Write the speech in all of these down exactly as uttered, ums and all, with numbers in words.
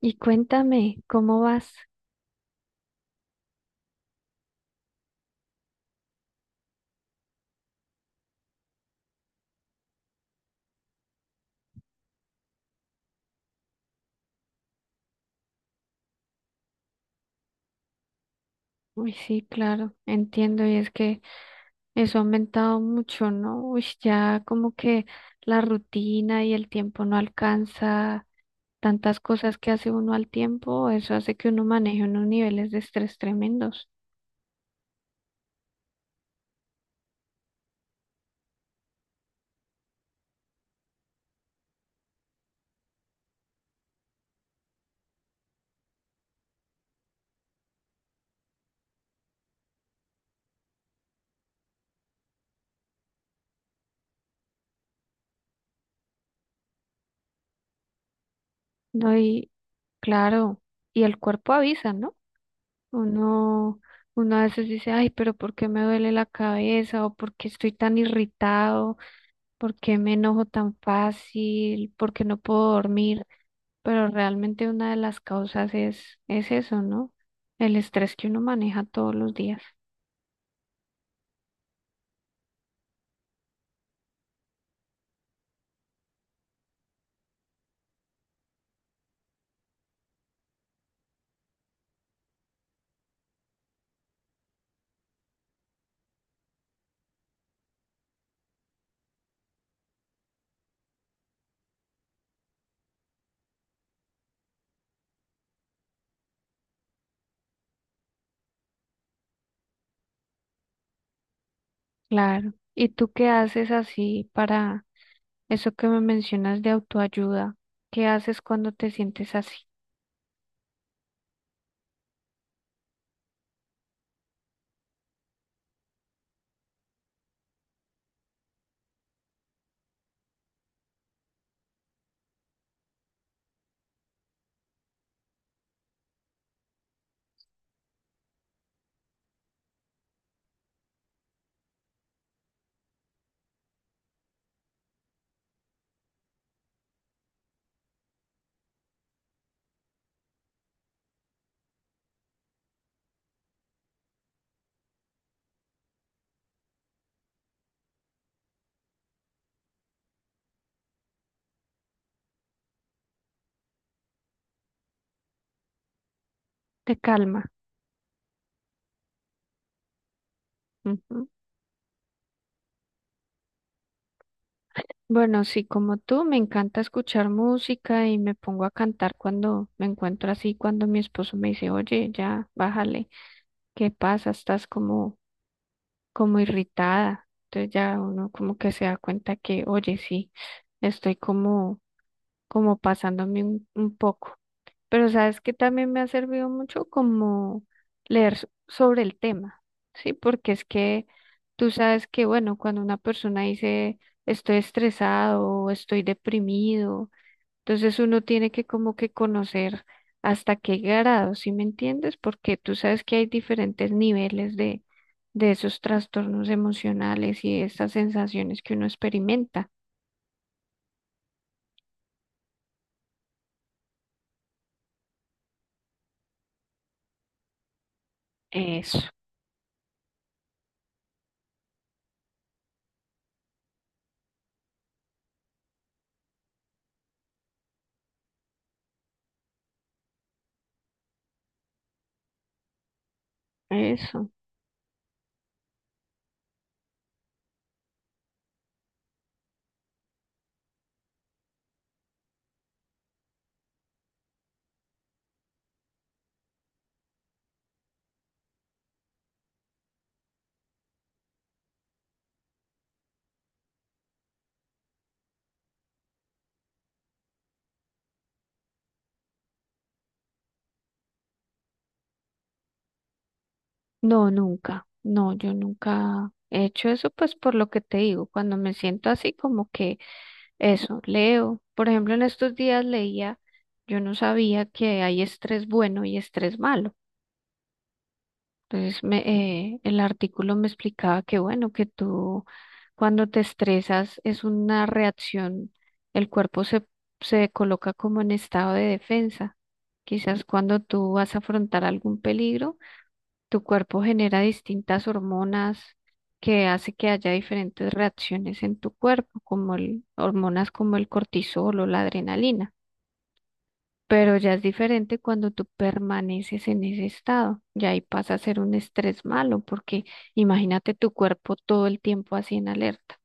Y cuéntame, ¿cómo vas? Uy, sí, claro, entiendo, y es que eso ha aumentado mucho, ¿no? Uy, ya como que la rutina y el tiempo no alcanza tantas cosas que hace uno al tiempo, eso hace que uno maneje unos niveles de estrés tremendos, ¿no? Y claro, y el cuerpo avisa, ¿no? Uno, uno a veces dice, ay, pero ¿por qué me duele la cabeza? ¿O por qué estoy tan irritado? ¿Por qué me enojo tan fácil? ¿Por qué no puedo dormir? Pero realmente una de las causas es, es eso, ¿no? El estrés que uno maneja todos los días. Claro. ¿Y tú qué haces así para eso que me mencionas de autoayuda? ¿Qué haces cuando te sientes así? Te calma. Ujú. Bueno, sí, como tú, me encanta escuchar música y me pongo a cantar cuando me encuentro así, cuando mi esposo me dice, oye, ya, bájale, ¿qué pasa? Estás como como irritada. Entonces ya uno como que se da cuenta que, oye, sí, estoy como, como pasándome un, un poco. Pero sabes que también me ha servido mucho como leer s- sobre el tema, ¿sí? Porque es que tú sabes que, bueno, cuando una persona dice estoy estresado o estoy deprimido, entonces uno tiene que como que conocer hasta qué grado, ¿sí me entiendes? Porque tú sabes que hay diferentes niveles de, de esos trastornos emocionales y de estas sensaciones que uno experimenta. Eso, eso. No, nunca. No, yo nunca he hecho eso, pues por lo que te digo, cuando me siento así como que eso, leo. Por ejemplo, en estos días leía, yo no sabía que hay estrés bueno y estrés malo. Entonces, me, eh, el artículo me explicaba que, bueno, que tú cuando te estresas es una reacción, el cuerpo se, se coloca como en estado de defensa. Quizás cuando tú vas a afrontar algún peligro, tu cuerpo genera distintas hormonas que hace que haya diferentes reacciones en tu cuerpo, como el, hormonas como el cortisol o la adrenalina. Pero ya es diferente cuando tú permaneces en ese estado, ya ahí pasa a ser un estrés malo, porque imagínate tu cuerpo todo el tiempo así en alerta.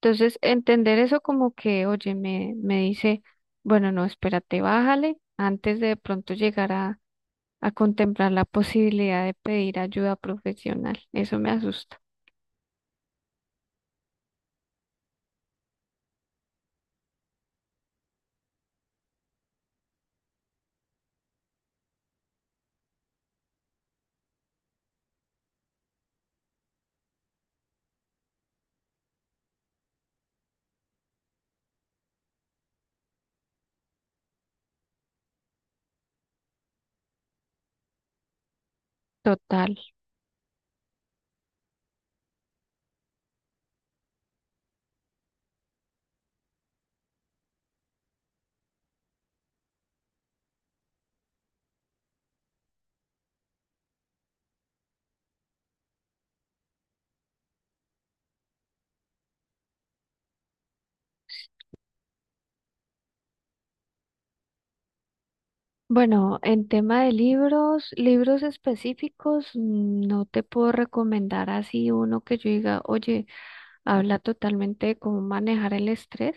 Entonces, entender eso como que, oye, me, me dice, bueno, no, espérate, bájale, antes de de pronto llegar a, a contemplar la posibilidad de pedir ayuda profesional. Eso me asusta. Total. Bueno, en tema de libros, libros específicos, mm, no te puedo recomendar así uno que yo diga, oye, habla totalmente de cómo manejar el estrés.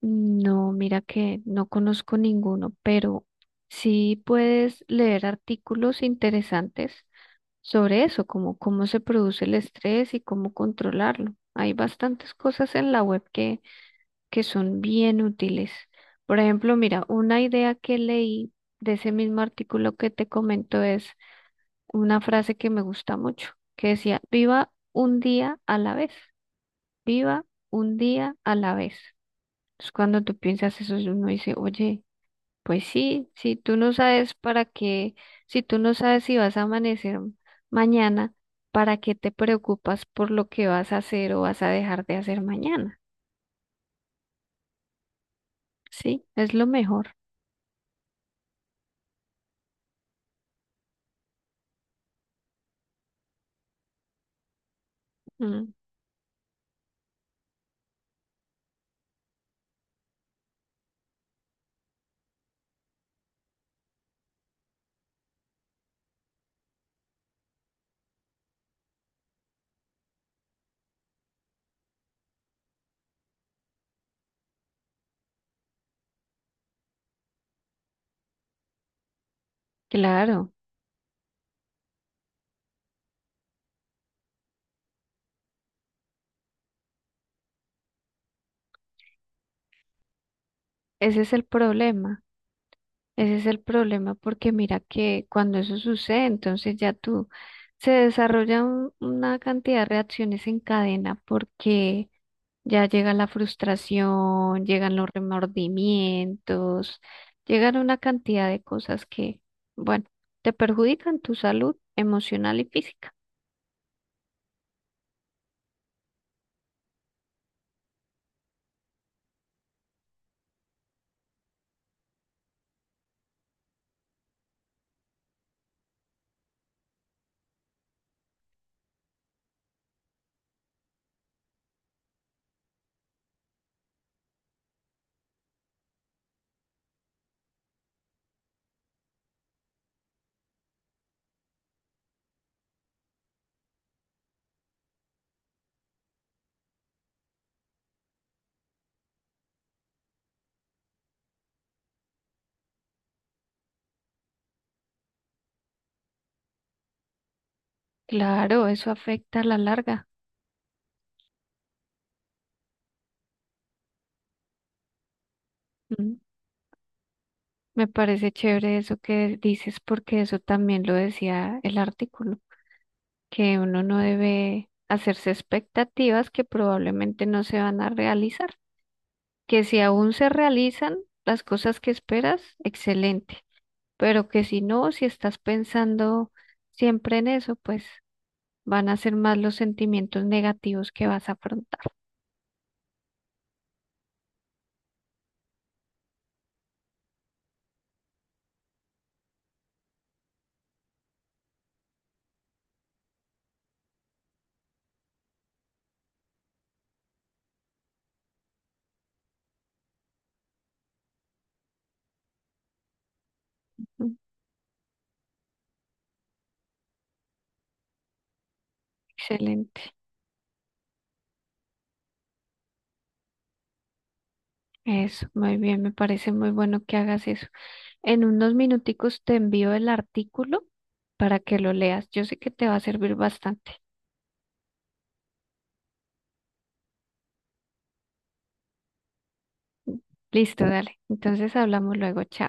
No, mira que no conozco ninguno, pero sí puedes leer artículos interesantes sobre eso, como cómo se produce el estrés y cómo controlarlo. Hay bastantes cosas en la web que, que son bien útiles. Por ejemplo, mira, una idea que leí de ese mismo artículo que te comento es una frase que me gusta mucho, que decía, viva un día a la vez. Viva un día a la vez. Entonces, cuando tú piensas eso, uno dice, oye, pues sí, si tú no sabes para qué, si tú no sabes si vas a amanecer mañana, ¿para qué te preocupas por lo que vas a hacer o vas a dejar de hacer mañana? Sí, es lo mejor. Mm, claro, ese es el problema. Ese es el problema porque mira que cuando eso sucede, entonces ya tú se desarrolla un- una cantidad de reacciones en cadena porque ya llega la frustración, llegan los remordimientos, llegan una cantidad de cosas que, bueno, te perjudican tu salud emocional y física. Claro, eso afecta a la larga. Mm, me parece chévere eso que dices porque eso también lo decía el artículo, que uno no debe hacerse expectativas que probablemente no se van a realizar, que si aún se realizan las cosas que esperas, excelente, pero que si no, si estás pensando siempre en eso, pues van a ser más los sentimientos negativos que vas a afrontar. Mm, excelente. Eso, muy bien, me parece muy bueno que hagas eso. En unos minuticos te envío el artículo para que lo leas. Yo sé que te va a servir bastante. Listo, dale. Entonces hablamos luego. Chao.